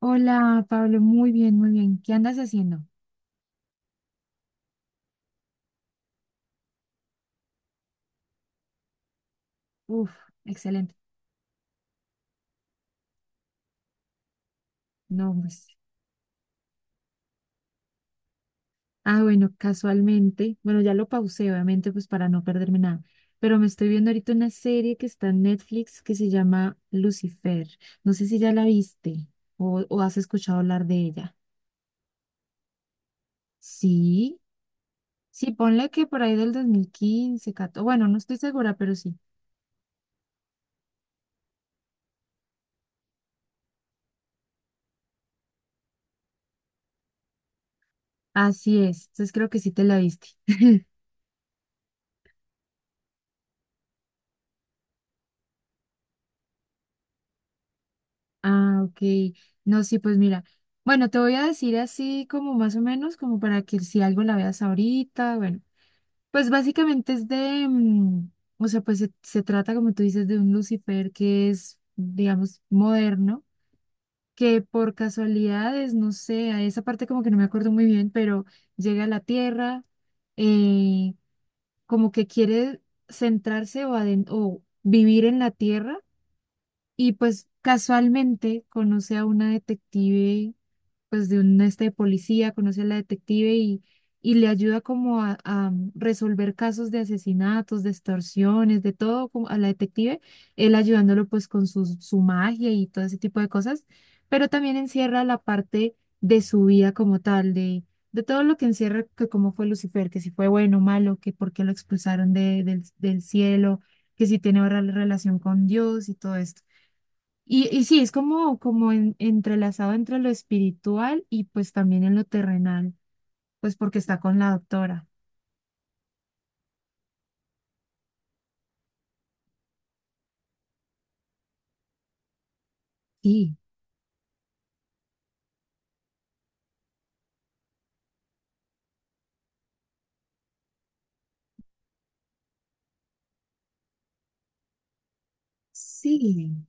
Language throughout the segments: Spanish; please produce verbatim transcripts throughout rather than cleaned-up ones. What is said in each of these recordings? Hola, Pablo, muy bien, muy bien. ¿Qué andas haciendo? Uf, excelente. No, pues. Ah, bueno, casualmente, bueno, ya lo pausé, obviamente, pues para no perderme nada, pero me estoy viendo ahorita una serie que está en Netflix que se llama Lucifer. No sé si ya la viste o, o has escuchado hablar de ella. Sí, sí, ponle que por ahí del dos mil quince, dos mil catorce, bueno, no estoy segura, pero sí. Así es, entonces creo que sí te la viste. Ah, ok. No, sí, pues mira. Bueno, te voy a decir así como más o menos, como para que si algo la veas ahorita, bueno. Pues básicamente es de, mm, o sea, pues se, se trata, como tú dices, de un Lucifer que es, digamos, moderno, que por casualidades, no sé, a esa parte como que no me acuerdo muy bien, pero llega a la Tierra, eh, como que quiere centrarse o, aden- o vivir en la Tierra y pues casualmente conoce a una detective, pues de un este de policía, conoce a la detective y, y le ayuda como a, a resolver casos de asesinatos, de extorsiones, de todo como a la detective, él ayudándolo pues con su, su magia y todo ese tipo de cosas, pero también encierra la parte de su vida como tal, de, de todo lo que encierra, que cómo fue Lucifer, que si fue bueno, malo, que por qué lo expulsaron de, del, del cielo, que si tiene ahora relación con Dios y todo esto. Y, y sí, es como, como en- entrelazado entre lo espiritual y pues también en lo terrenal, pues porque está con la doctora. Sí. Sí,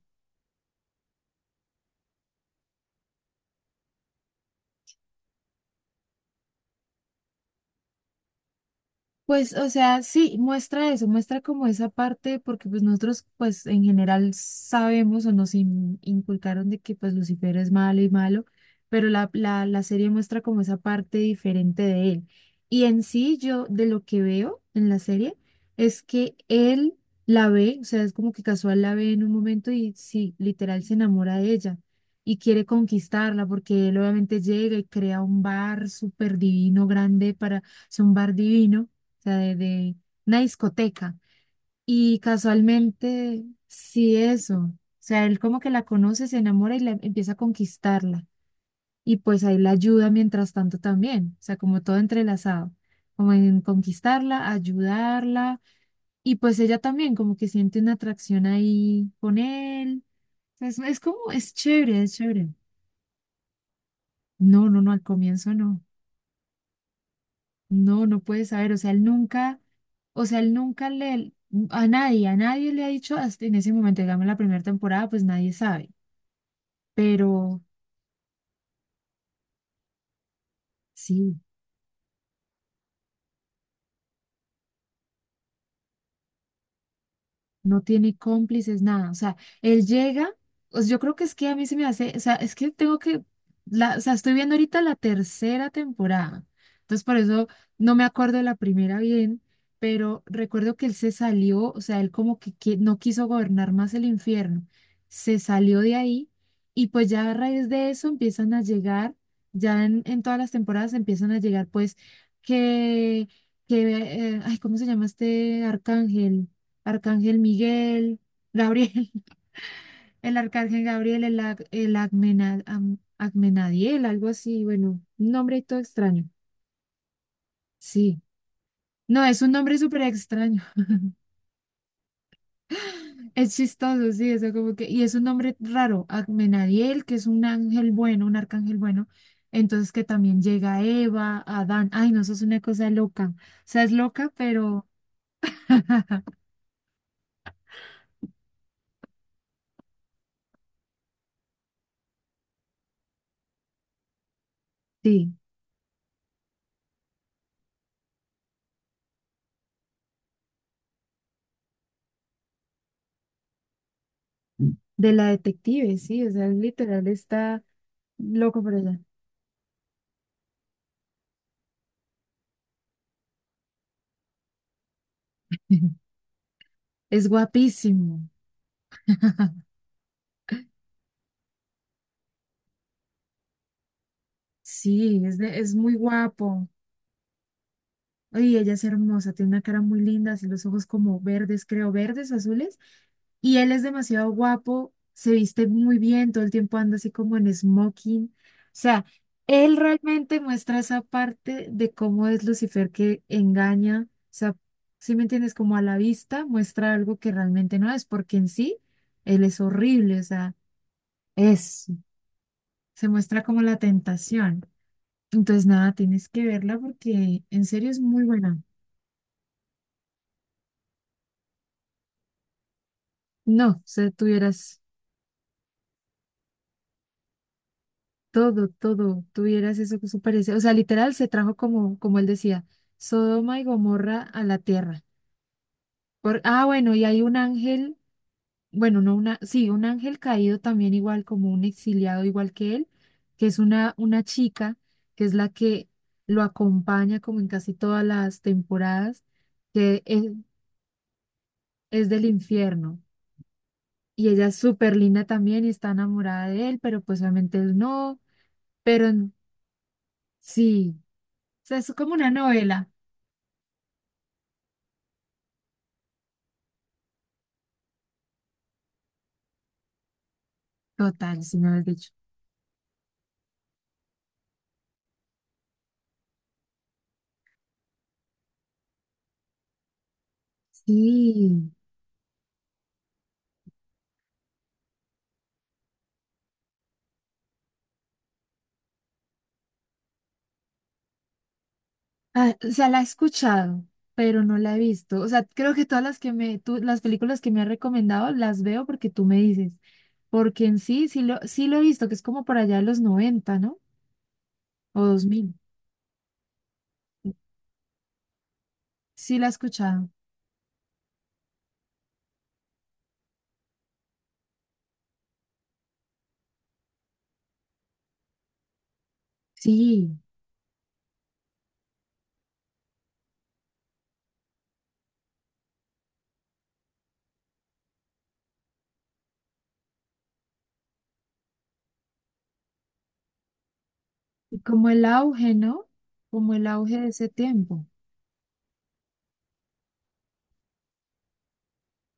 pues, o sea, sí, muestra eso, muestra como esa parte, porque pues nosotros pues en general sabemos o nos in- inculcaron de que pues Lucifer es malo y malo, pero la, la, la serie muestra como esa parte diferente de él. Y en sí yo de lo que veo en la serie es que él la ve, o sea, es como que casual la ve en un momento y sí, literal se enamora de ella y quiere conquistarla porque él obviamente llega y crea un bar súper divino, grande para, es un bar divino, o sea, de, de una discoteca. Y casualmente, sí, eso. O sea, él como que la conoce, se enamora y la, empieza a conquistarla. Y pues ahí la ayuda mientras tanto también. O sea, como todo entrelazado. Como en conquistarla, ayudarla. Y pues ella también como que siente una atracción ahí con él. O sea, es, es como, es chévere, es chévere. No, no, no, al comienzo no. No, no puede saber, o sea, él nunca, o sea, él nunca le, a nadie, a nadie le ha dicho, hasta en ese momento, digamos, la primera temporada, pues nadie sabe, pero sí. No tiene cómplices, nada. O sea, él llega, pues yo creo que es que a mí se me hace, o sea, es que tengo que, la, o sea, estoy viendo ahorita la tercera temporada. Entonces, por eso no me acuerdo de la primera bien, pero recuerdo que él se salió, o sea, él como que, qui- no quiso gobernar más el infierno. Se salió de ahí y pues ya a raíz de eso empiezan a llegar, ya en, en todas las temporadas empiezan a llegar pues que, que, eh, ay, ¿cómo se llama este arcángel? Arcángel Miguel, Gabriel, el Arcángel Gabriel, el, Ag- el Agmena- Am- Agmenadiel, algo así, bueno, un nombre y todo extraño. Sí. No, es un nombre súper extraño. Es chistoso, sí, eso como que, y es un nombre raro, Agmenadiel, que es un ángel bueno, un arcángel bueno. Entonces que también llega Eva, Adán. Ay, no, eso es una cosa loca. O sea, es loca, pero sí, de la detective, sí, o sea, literal está loco por allá. Es guapísimo. Sí, es, de- es muy guapo. Oye, ella es hermosa, tiene una cara muy linda, así los ojos como verdes, creo, verdes, azules. Y él es demasiado guapo, se viste muy bien, todo el tiempo anda así como en smoking. O sea, él realmente muestra esa parte de cómo es Lucifer que engaña. O sea, si me entiendes, como a la vista muestra algo que realmente no es, porque en sí él es horrible, o sea, es, se muestra como la tentación. Entonces, nada, tienes que verla porque en serio es muy buena. No, o sea, tuvieras todo, todo, tuvieras eso que se parece. O sea, literal se trajo como, como él decía, Sodoma y Gomorra a la tierra. Por, ah, bueno, y hay un ángel, bueno, no una, sí, un ángel caído también igual, como un exiliado igual que él, que es una, una chica, que es la que lo acompaña como en casi todas las temporadas, que es, es del infierno. Y ella es súper linda también y está enamorada de él, pero pues obviamente él no. Pero en- sí, o sea, es como una novela. Total, si me lo has dicho. Sí. Ah, o sea, la he escuchado, pero no la he visto. O sea, creo que todas las que me, tú, las películas que me has recomendado las veo porque tú me dices. Porque en sí, sí lo, sí lo he visto, que es como por allá de los noventa, ¿no? O dos mil. Sí la he escuchado. Sí. Y como el auge, ¿no? Como el auge de ese tiempo.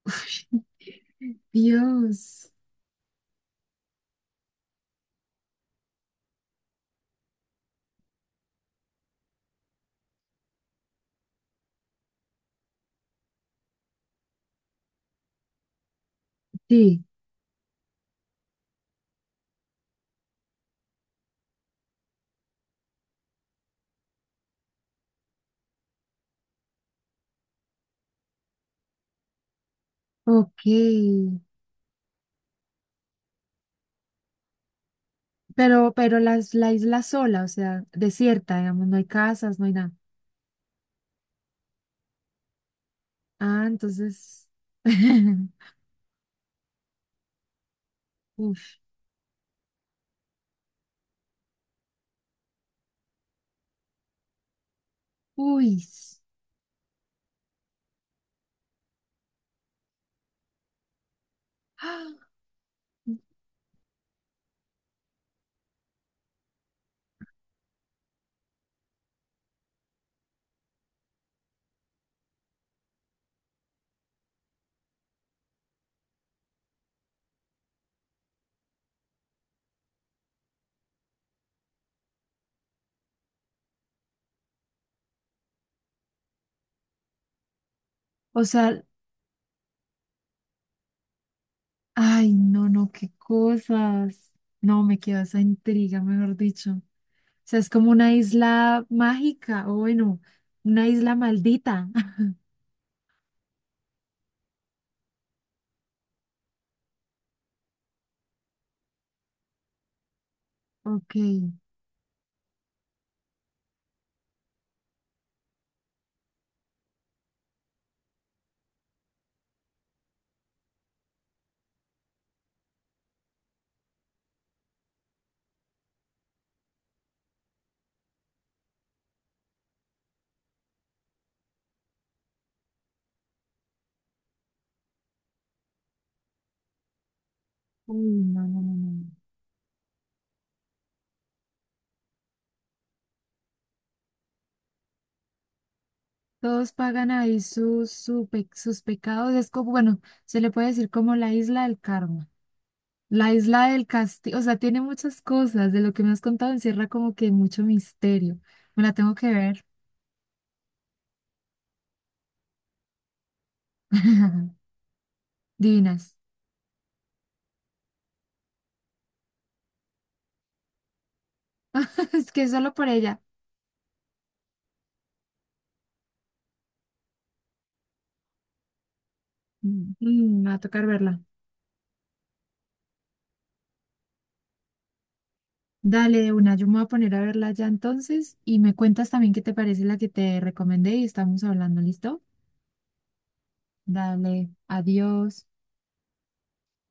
Dios, sí, ok. Pero, pero las, la isla sola, o sea, desierta, digamos, no hay casas, no hay nada. Ah, entonces. Uf, uy. s- ah, o sea, ay, no, no, qué cosas. No, me quedó esa intriga, mejor dicho. O sea, es como una isla mágica, o bueno, una isla maldita. Ok. Uy, no, no, no, no. No. Todos pagan ahí sus, su pe- sus pecados. Es como, bueno, se le puede decir como la isla del karma, la isla del castigo. O sea, tiene muchas cosas. De lo que me has contado encierra como que mucho misterio. Me la tengo que ver. Divinas. Es que solo por ella. Mm, mm, me va a tocar verla. Dale, de una, yo me voy a poner a verla ya entonces y me cuentas también qué te parece la que te recomendé y estamos hablando, ¿listo? Dale, adiós.